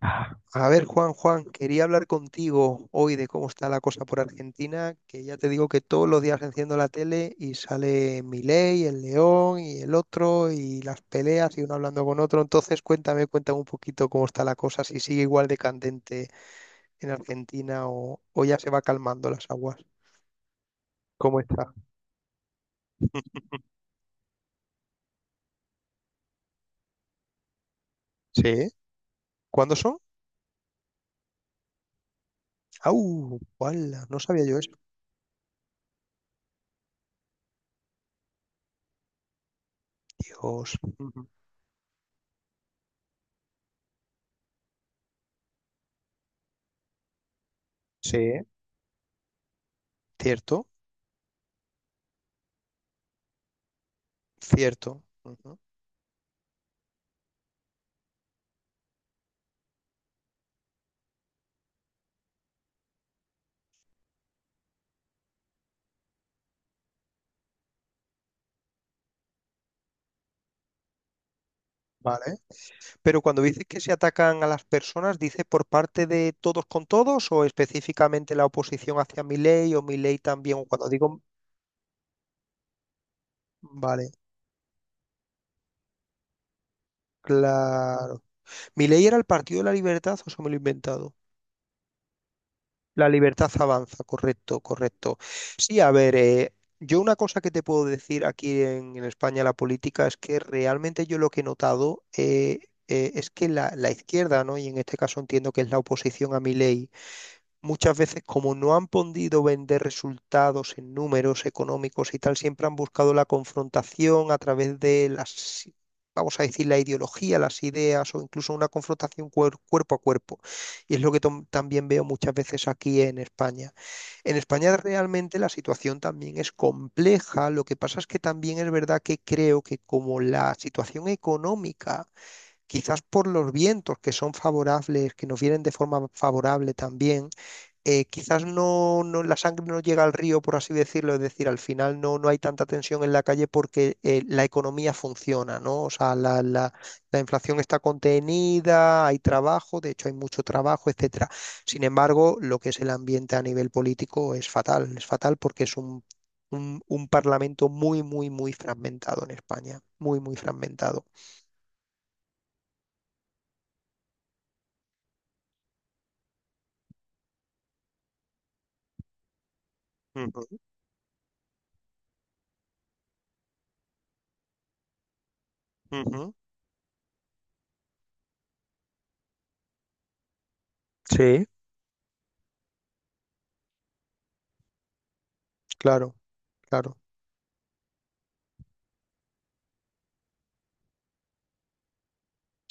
A ver, Juan, Juan, quería hablar contigo hoy de cómo está la cosa por Argentina, que ya te digo que todos los días enciendo la tele y sale Milei, el León y el otro y las peleas y uno hablando con otro. Entonces, cuéntame un poquito cómo está la cosa, si sigue igual de candente en Argentina o ya se va calmando las aguas. ¿Cómo está? Sí. ¿Cuándo son? ¡Au! ¡Hala! No sabía yo eso. Dios. Ujú. Sí. Cierto, cierto. Ujú. Vale. Pero cuando dices que se atacan a las personas, ¿dices por parte de todos con todos o específicamente la oposición hacia Milei o Milei también? O cuando digo, vale, claro. ¿Milei era el Partido de la Libertad o se me lo he inventado? La libertad avanza, correcto, correcto. Sí, a ver, yo una cosa que te puedo decir aquí en España, la política es que realmente yo lo que he notado es que la izquierda, ¿no? Y en este caso entiendo que es la oposición a Milei, muchas veces, como no han podido vender resultados en números económicos y tal, siempre han buscado la confrontación a través de las, vamos a decir, la ideología, las ideas o incluso una confrontación cuerpo a cuerpo. Y es lo que también veo muchas veces aquí en España. En España realmente la situación también es compleja. Lo que pasa es que también es verdad que creo que, como la situación económica, quizás por los vientos que son favorables, que nos vienen de forma favorable también, quizás no, no, la sangre no llega al río, por así decirlo, es decir, al final no, no hay tanta tensión en la calle porque la economía funciona, ¿no? O sea, la inflación está contenida, hay trabajo, de hecho hay mucho trabajo, etcétera. Sin embargo, lo que es el ambiente a nivel político es fatal porque es un parlamento muy, muy, muy fragmentado en España, muy, muy fragmentado. Ujú, ujú. Sí, claro, claro,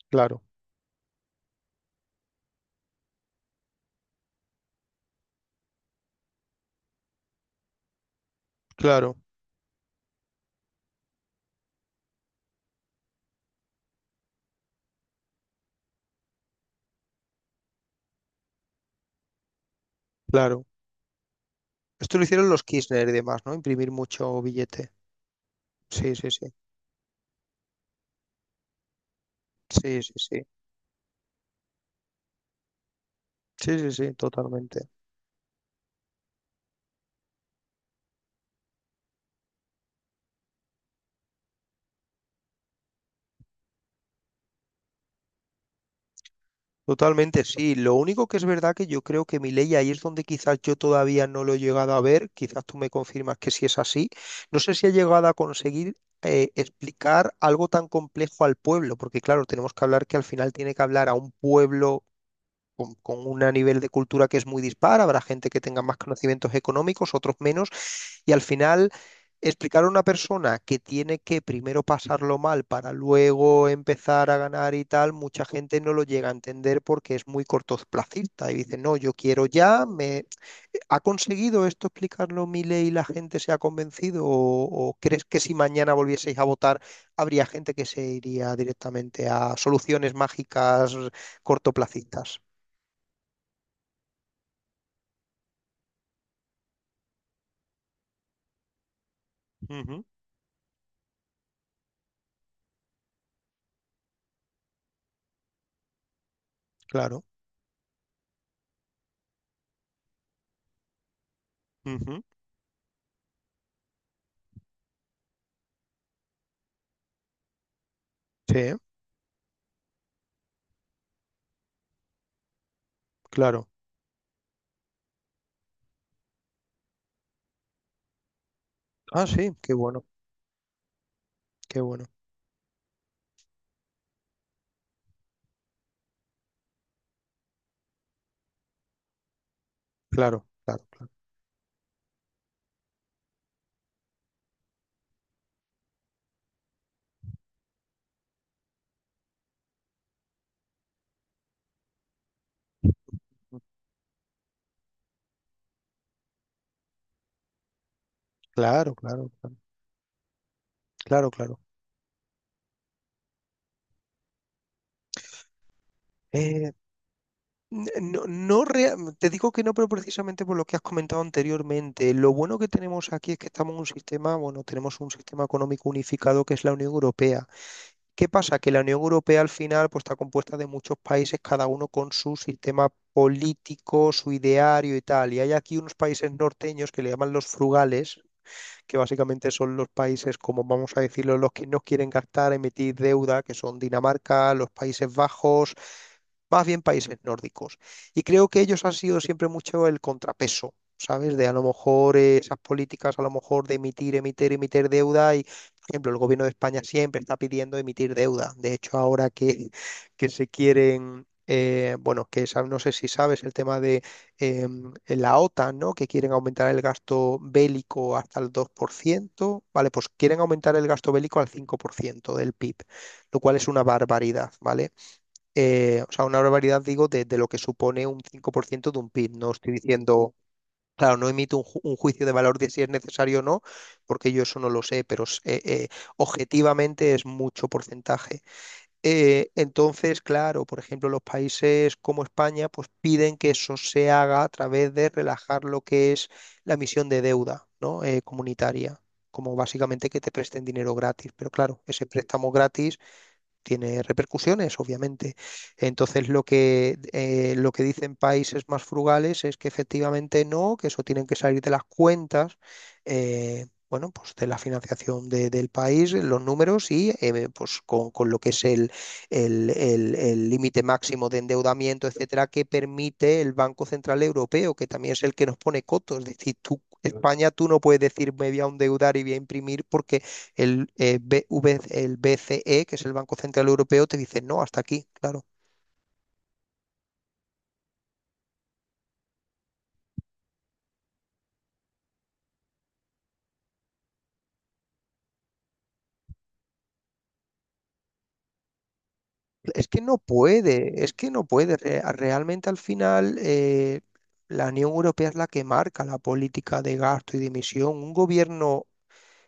claro, claro, claro. Esto lo hicieron los Kirchner y demás, ¿no? Imprimir mucho billete. Sí, sí, sí. Sí, sí, sí. Sí, sí, sí, totalmente. Totalmente, sí. Lo único que es verdad que yo creo que mi ley ahí es donde quizás yo todavía no lo he llegado a ver, quizás tú me confirmas que sí es así. No sé si ha llegado a conseguir explicar algo tan complejo al pueblo, porque claro, tenemos que hablar que al final tiene que hablar a un pueblo con un nivel de cultura que es muy dispar, habrá gente que tenga más conocimientos económicos, otros menos, y al final explicar a una persona que tiene que primero pasarlo mal para luego empezar a ganar y tal, mucha gente no lo llega a entender porque es muy cortoplacista y dice, no, yo quiero ya, me... ¿Ha conseguido esto explicarlo ley y la gente se ha convencido? O crees que si mañana volvieseis a votar habría gente que se iría directamente a soluciones mágicas cortoplacistas? Ujú, claro, ujú. Sí, claro. Ah, sí, qué bueno, qué bueno. Claro, claro, claro. Claro, claro, claro, claro, claro. Eh, no, te digo que no, pero precisamente por lo que has comentado anteriormente. Lo bueno que tenemos aquí es que estamos en un sistema, bueno, tenemos un sistema económico unificado que es la Unión Europea. ¿Qué pasa? Que la Unión Europea al final, pues, está compuesta de muchos países, cada uno con su sistema político, su ideario y tal. Y hay aquí unos países norteños que le llaman los frugales, que básicamente son los países, como vamos a decirlo, los que no quieren gastar, emitir deuda, que son Dinamarca, los Países Bajos, más bien países nórdicos. Y creo que ellos han sido siempre mucho el contrapeso, ¿sabes? De, a lo mejor, esas políticas, a lo mejor de emitir deuda. Y, por ejemplo, el gobierno de España siempre está pidiendo emitir deuda. De hecho, ahora que se quieren... bueno, no sé si sabes el tema de la OTAN, ¿no? Que quieren aumentar el gasto bélico hasta el dos por ciento, ¿vale? Pues quieren aumentar el gasto bélico al 5% del PIB, lo cual es una barbaridad, ¿vale? Eh, o sea, una barbaridad, digo, de lo que supone un 5% de un PIB. No estoy diciendo, claro, no emito un, un juicio de valor de si es necesario o no, porque yo eso no lo sé, pero objetivamente es mucho porcentaje. Entonces, claro, por ejemplo, los países como España pues piden que eso se haga a través de relajar lo que es la emisión de deuda, ¿no? Comunitaria. Como básicamente que te presten dinero gratis, pero claro, ese préstamo gratis tiene repercusiones, obviamente. Entonces, lo que dicen países más frugales es que efectivamente no, que eso tienen que salir de las cuentas, bueno, pues de la financiación del país, los números y, pues con lo que es el límite máximo de endeudamiento, etcétera, que permite el Banco Central Europeo, que también es el que nos pone cotos. Es decir, tú, España, tú no puedes decir me voy a endeudar y voy a imprimir porque el, BV el BCE, que es el Banco Central Europeo, te dice, no, hasta aquí, claro. Es que no puede, es que no puede. Realmente al final, la Unión Europea es la que marca la política de gasto y de emisión. Un gobierno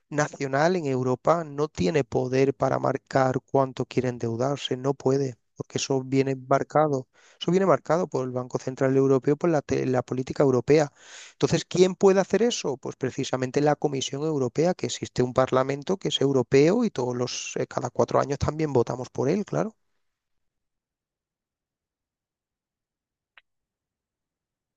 nacional en Europa no tiene poder para marcar cuánto quiere endeudarse, no puede, porque eso viene marcado por el Banco Central Europeo, por la política europea. Entonces, ¿quién puede hacer eso? Pues precisamente la Comisión Europea, que existe un parlamento que es europeo y todos los, cada cuatro años también votamos por él, claro.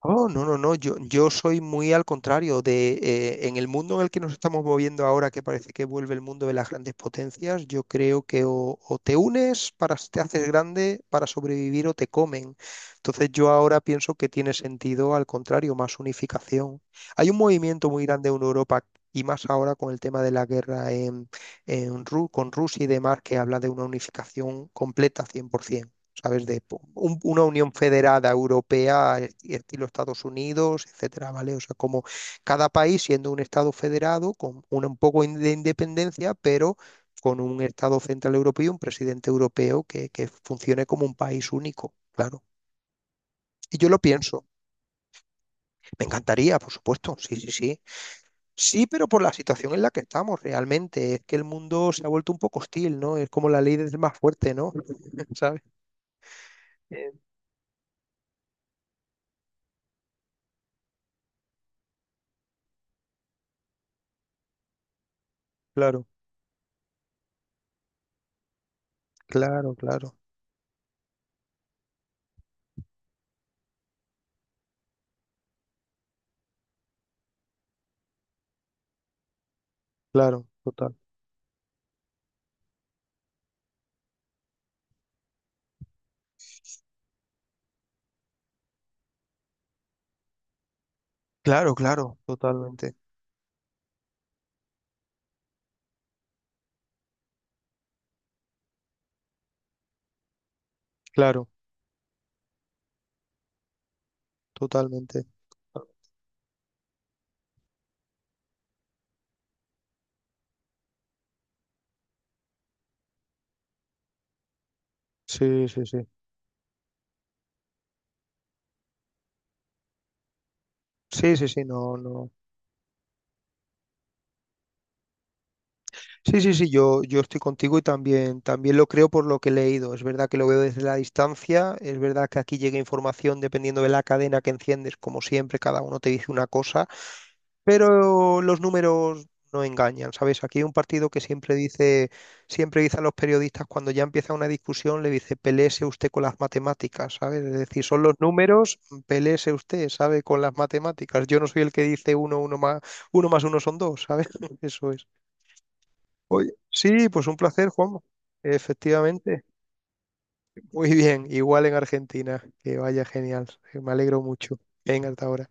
Oh, no, no, no, yo soy muy al contrario de, en el mundo en el que nos estamos moviendo ahora, que parece que vuelve el mundo de las grandes potencias, yo creo que o te unes, para te haces grande para sobrevivir o te comen. Entonces yo ahora pienso que tiene sentido al contrario, más unificación. Hay un movimiento muy grande en Europa y más ahora con el tema de la guerra con Rusia y demás, que habla de una unificación completa 100%. ¿Sabes? De una Unión Federada Europea, estilo Estados Unidos, etcétera, ¿vale? O sea, como cada país siendo un Estado federado, con un poco de independencia, pero con un Estado central europeo y un presidente europeo que funcione como un país único, claro. Y yo lo pienso, me encantaría, por supuesto, sí, sí, sí. Sí, pero por la situación en la que estamos realmente, es que el mundo se ha vuelto un poco hostil, ¿no? Es como la ley del más fuerte, ¿no? ¿Sabes? Eh, Claro, claro, claro, claro, total. Claro, claro, totalmente, claro, totalmente. Sí, sí, sí. Sí, sí, sí, no, no. Sí, sí, sí, yo estoy contigo y también lo creo por lo que he leído. Es verdad que lo veo desde la distancia, es verdad que aquí llega información dependiendo de la cadena que enciendes, como siempre, cada uno te dice una cosa. Pero los números no engañan, ¿sabes? Aquí hay un partido que siempre dice a los periodistas cuando ya empieza una discusión, le dice, peléese usted con las matemáticas, ¿sabes? Es decir, son los números, peléese usted, ¿sabe? Con las matemáticas. Yo no soy el que dice uno, uno más uno son dos, ¿sabes? Eso es. Oye, sí, pues un placer, Juanma. Efectivamente. Muy bien, igual en Argentina. Que vaya genial. Me alegro mucho. Venga, hasta ahora.